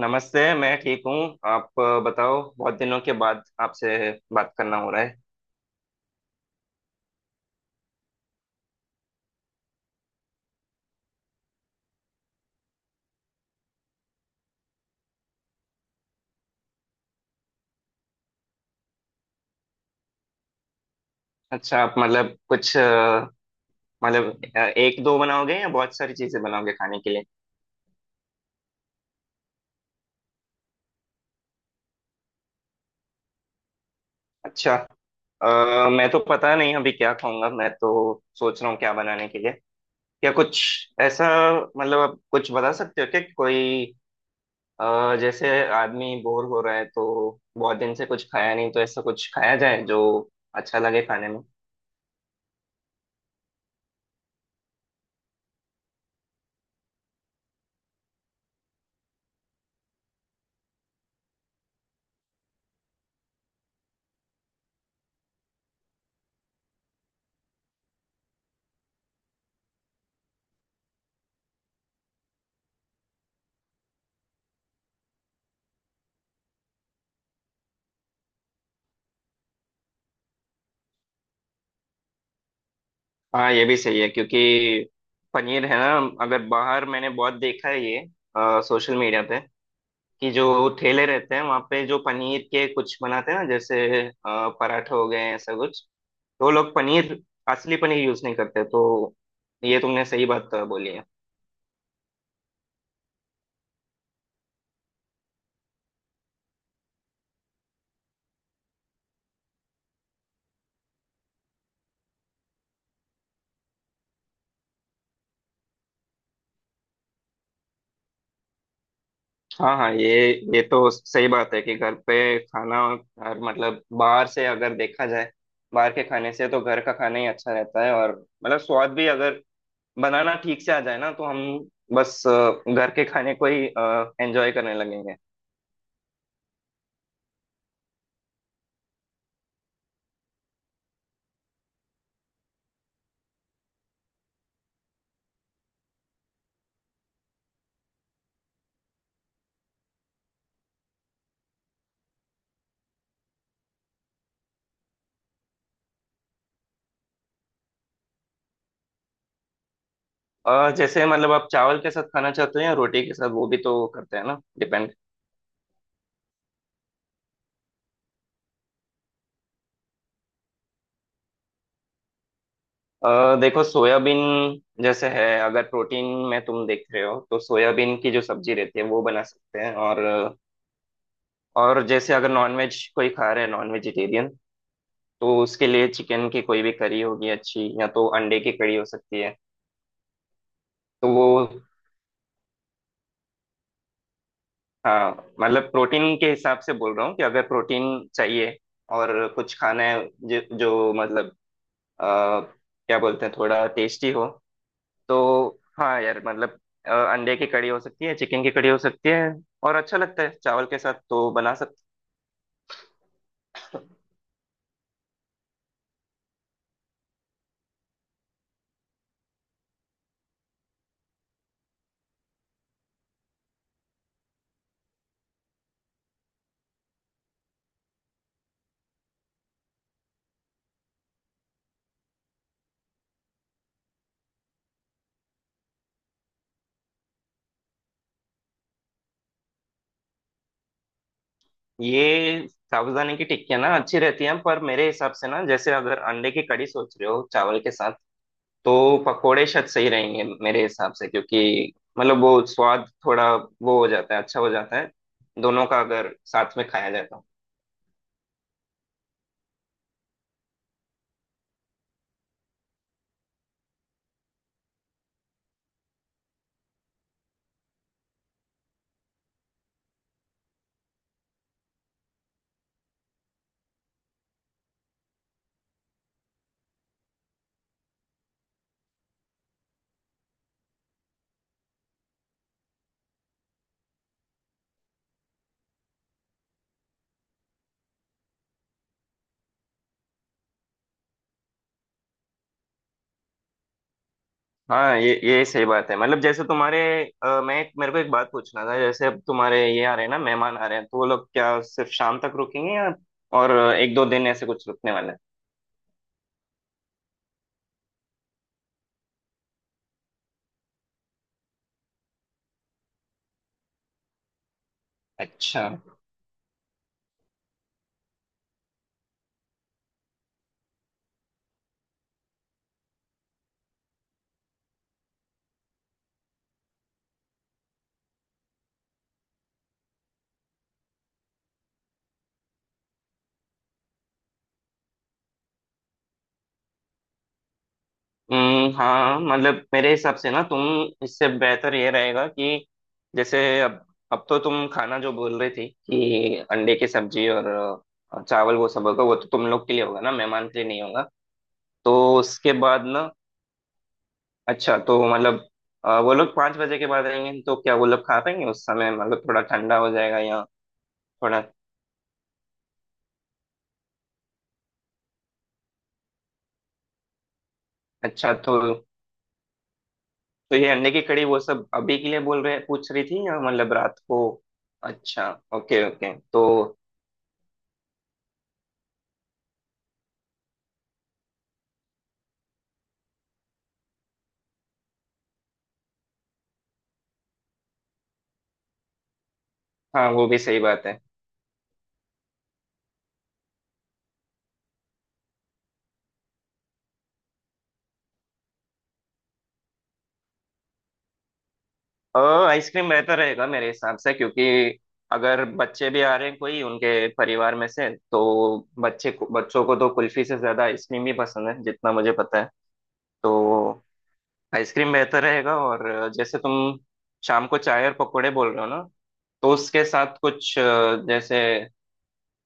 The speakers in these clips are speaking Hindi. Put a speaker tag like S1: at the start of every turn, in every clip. S1: नमस्ते। मैं ठीक हूँ। आप बताओ, बहुत दिनों के बाद आपसे बात करना हो रहा है। अच्छा, आप मतलब कुछ मतलब एक दो बनाओगे या बहुत सारी चीजें बनाओगे खाने के लिए? अच्छा। मैं तो पता नहीं अभी क्या खाऊंगा, मैं तो सोच रहा हूँ क्या बनाने के लिए, क्या कुछ ऐसा। मतलब आप कुछ बता सकते हो क्या कि कोई जैसे आदमी बोर हो रहा है तो बहुत दिन से कुछ खाया नहीं तो ऐसा कुछ खाया जाए जो अच्छा लगे खाने में। हाँ, ये भी सही है क्योंकि पनीर है ना, अगर बाहर, मैंने बहुत देखा है ये सोशल मीडिया पे कि जो ठेले रहते हैं वहाँ पे जो पनीर के कुछ बनाते हैं ना, जैसे अ, पराठे हो गए ऐसा कुछ, तो वो लोग पनीर, असली पनीर यूज नहीं करते। तो ये तुमने सही बात बोली है। हाँ हाँ, ये तो सही बात है कि घर पे खाना, और मतलब बाहर से अगर देखा जाए, बाहर के खाने से तो घर का खाना ही अच्छा रहता है। और मतलब स्वाद भी, अगर बनाना ठीक से आ जाए ना तो हम बस घर के खाने को ही एंजॉय करने लगेंगे। जैसे मतलब आप चावल के साथ खाना चाहते हैं या रोटी के साथ? वो भी तो करते हैं ना, डिपेंड। देखो, सोयाबीन जैसे है, अगर प्रोटीन में तुम देख रहे हो तो सोयाबीन की जो सब्जी रहती है वो बना सकते हैं। और और जैसे अगर नॉनवेज कोई खा रहे हैं, नॉन वेजिटेरियन, तो उसके लिए चिकन की कोई भी करी होगी अच्छी, या तो अंडे की कड़ी हो सकती है। तो वो, हाँ, मतलब प्रोटीन के हिसाब से बोल रहा हूँ कि अगर प्रोटीन चाहिए और कुछ खाना है जो, जो मतलब आ, क्या बोलते हैं, थोड़ा टेस्टी हो, तो हाँ यार, मतलब अंडे की कड़ी हो सकती है, चिकन की कड़ी हो सकती है, और अच्छा लगता है चावल के साथ, तो बना सकते। ये साबूदाने की टिक्कियाँ ना अच्छी रहती हैं, पर मेरे हिसाब से ना, जैसे अगर अंडे की कड़ी सोच रहे हो चावल के साथ, तो पकोड़े शायद सही रहेंगे मेरे हिसाब से, क्योंकि मतलब वो स्वाद थोड़ा वो हो जाता है, अच्छा हो जाता है दोनों का अगर साथ में खाया जाए तो। हाँ, ये सही बात है। मतलब जैसे तुम्हारे मैं एक, मेरे को एक बात पूछना था, जैसे अब तुम्हारे ये आ रहे हैं ना, मेहमान आ रहे हैं, तो वो लोग क्या सिर्फ शाम तक रुकेंगे या और एक दो दिन ऐसे कुछ रुकने वाले हैं? अच्छा। हाँ, मतलब मेरे हिसाब से ना तुम, इससे बेहतर ये रहेगा कि जैसे अब तो तुम खाना जो बोल रही थी कि अंडे की सब्जी और चावल, वो सब होगा, वो तो तुम लोग के लिए होगा ना, मेहमान के लिए नहीं होगा? तो उसके बाद ना, अच्छा, तो मतलब वो लोग पाँच बजे के बाद आएंगे तो क्या वो लोग खा पाएंगे उस समय? मतलब थोड़ा ठंडा हो जाएगा या थोड़ा, अच्छा। तो ये अंडे की कड़ी वो सब अभी के लिए बोल रहे, पूछ रही थी या मतलब रात को? अच्छा, ओके ओके। तो हाँ, वो भी सही बात है। और आइसक्रीम बेहतर रहेगा मेरे हिसाब से, क्योंकि अगर बच्चे भी आ रहे हैं कोई उनके परिवार में से, तो बच्चे को, बच्चों को तो कुल्फी से ज्यादा आइसक्रीम ही पसंद है जितना मुझे पता है। तो आइसक्रीम बेहतर रहेगा। और जैसे तुम शाम को चाय और पकोड़े बोल रहे हो ना, तो उसके साथ कुछ जैसे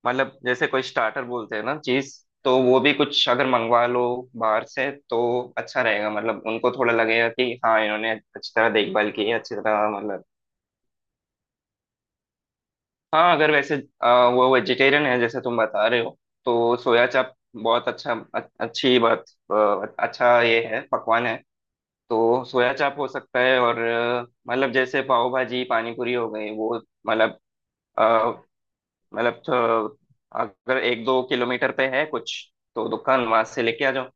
S1: मतलब जैसे कोई स्टार्टर बोलते हैं ना चीज, तो वो भी कुछ अगर मंगवा लो बाहर से तो अच्छा रहेगा। मतलब उनको थोड़ा लगेगा कि हाँ इन्होंने अच्छी तरह देखभाल की है, अच्छी तरह मतलब। हाँ अगर वैसे वो वेजिटेरियन है जैसे तुम बता रहे हो, तो सोया चाप बहुत अच्छा अच्छी बात, अच्छा ये है, पकवान है। तो सोया चाप हो सकता है, और मतलब जैसे पाव भाजी, पानी पूरी हो गई वो, मतलब, मतलब तो, अगर एक दो किलोमीटर पे है कुछ तो दुकान वहां से लेके आ जाओ।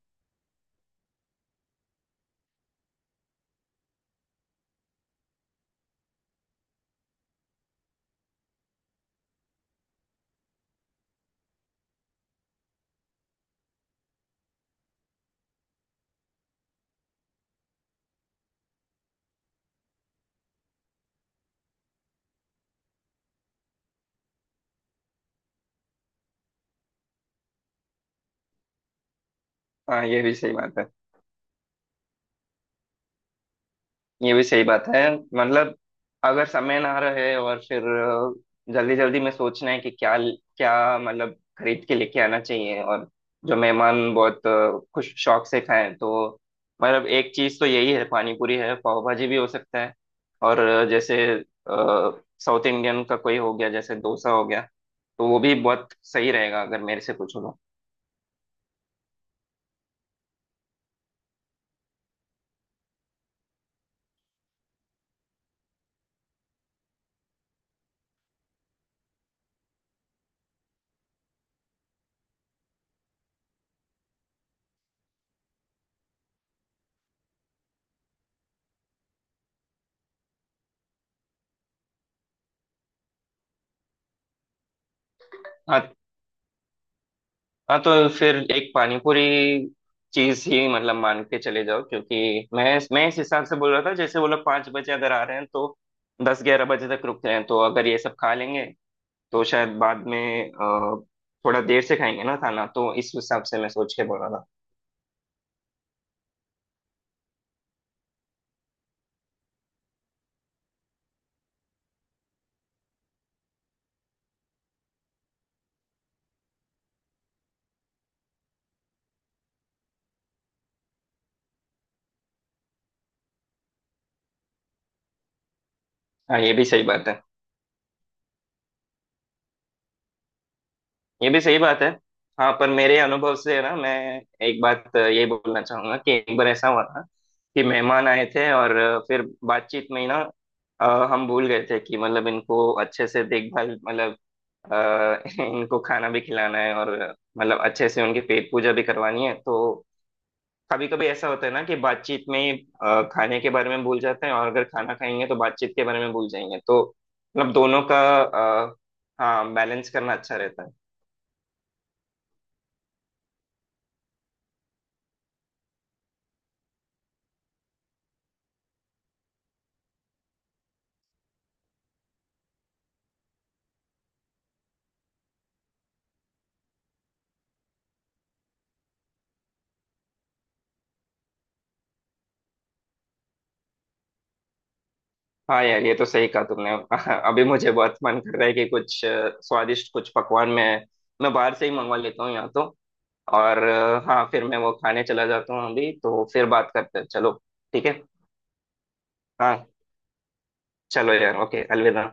S1: हाँ ये भी सही बात है, ये भी सही बात है। मतलब अगर समय ना रहे और फिर जल्दी जल्दी में सोचना है कि क्या, क्या मतलब खरीद के लेके आना चाहिए, और जो मेहमान बहुत खुश शौक से खाएं, तो मतलब एक चीज तो यही है, पानी पूरी है, पाव भाजी भी हो सकता है, और जैसे साउथ इंडियन का कोई हो गया, जैसे डोसा हो गया, तो वो भी बहुत सही रहेगा अगर मेरे से पूछो तो। हाँ हाँ, तो फिर एक पानीपुरी चीज ही मतलब मान के चले जाओ, क्योंकि मैं इस हिसाब से बोल रहा था, जैसे वो लोग पाँच बजे अगर आ रहे हैं तो दस ग्यारह बजे तक रुक रहे हैं, तो अगर ये सब खा लेंगे तो शायद बाद में अ, थोड़ा देर से खाएंगे ना खाना, तो इस हिसाब से मैं सोच के बोल रहा था। हाँ ये भी सही बात है, ये भी सही बात है। हाँ पर मेरे अनुभव से है ना, मैं एक बात ये बोलना चाहूंगा कि एक बार ऐसा हुआ था कि मेहमान आए थे और फिर बातचीत में ही ना, हम भूल गए थे कि मतलब इनको अच्छे से देखभाल, मतलब अ, इनको खाना भी खिलाना है और मतलब अच्छे से उनकी पेट पूजा भी करवानी है। तो कभी कभी ऐसा होता है ना कि बातचीत में ही, खाने के बारे में भूल जाते हैं, और अगर खाना खाएंगे तो बातचीत के बारे में भूल जाएंगे। तो मतलब दोनों का हाँ बैलेंस करना अच्छा रहता है। हाँ यार, ये तो सही कहा तुमने। अभी मुझे बहुत मन कर रहा है कि कुछ स्वादिष्ट कुछ पकवान मैं, बाहर से ही मंगवा लेता हूँ यहाँ तो। और हाँ, फिर मैं वो खाने चला जाता हूँ अभी, तो फिर बात करते हैं चलो। ठीक है। हाँ, चलो यार, ओके, अलविदा।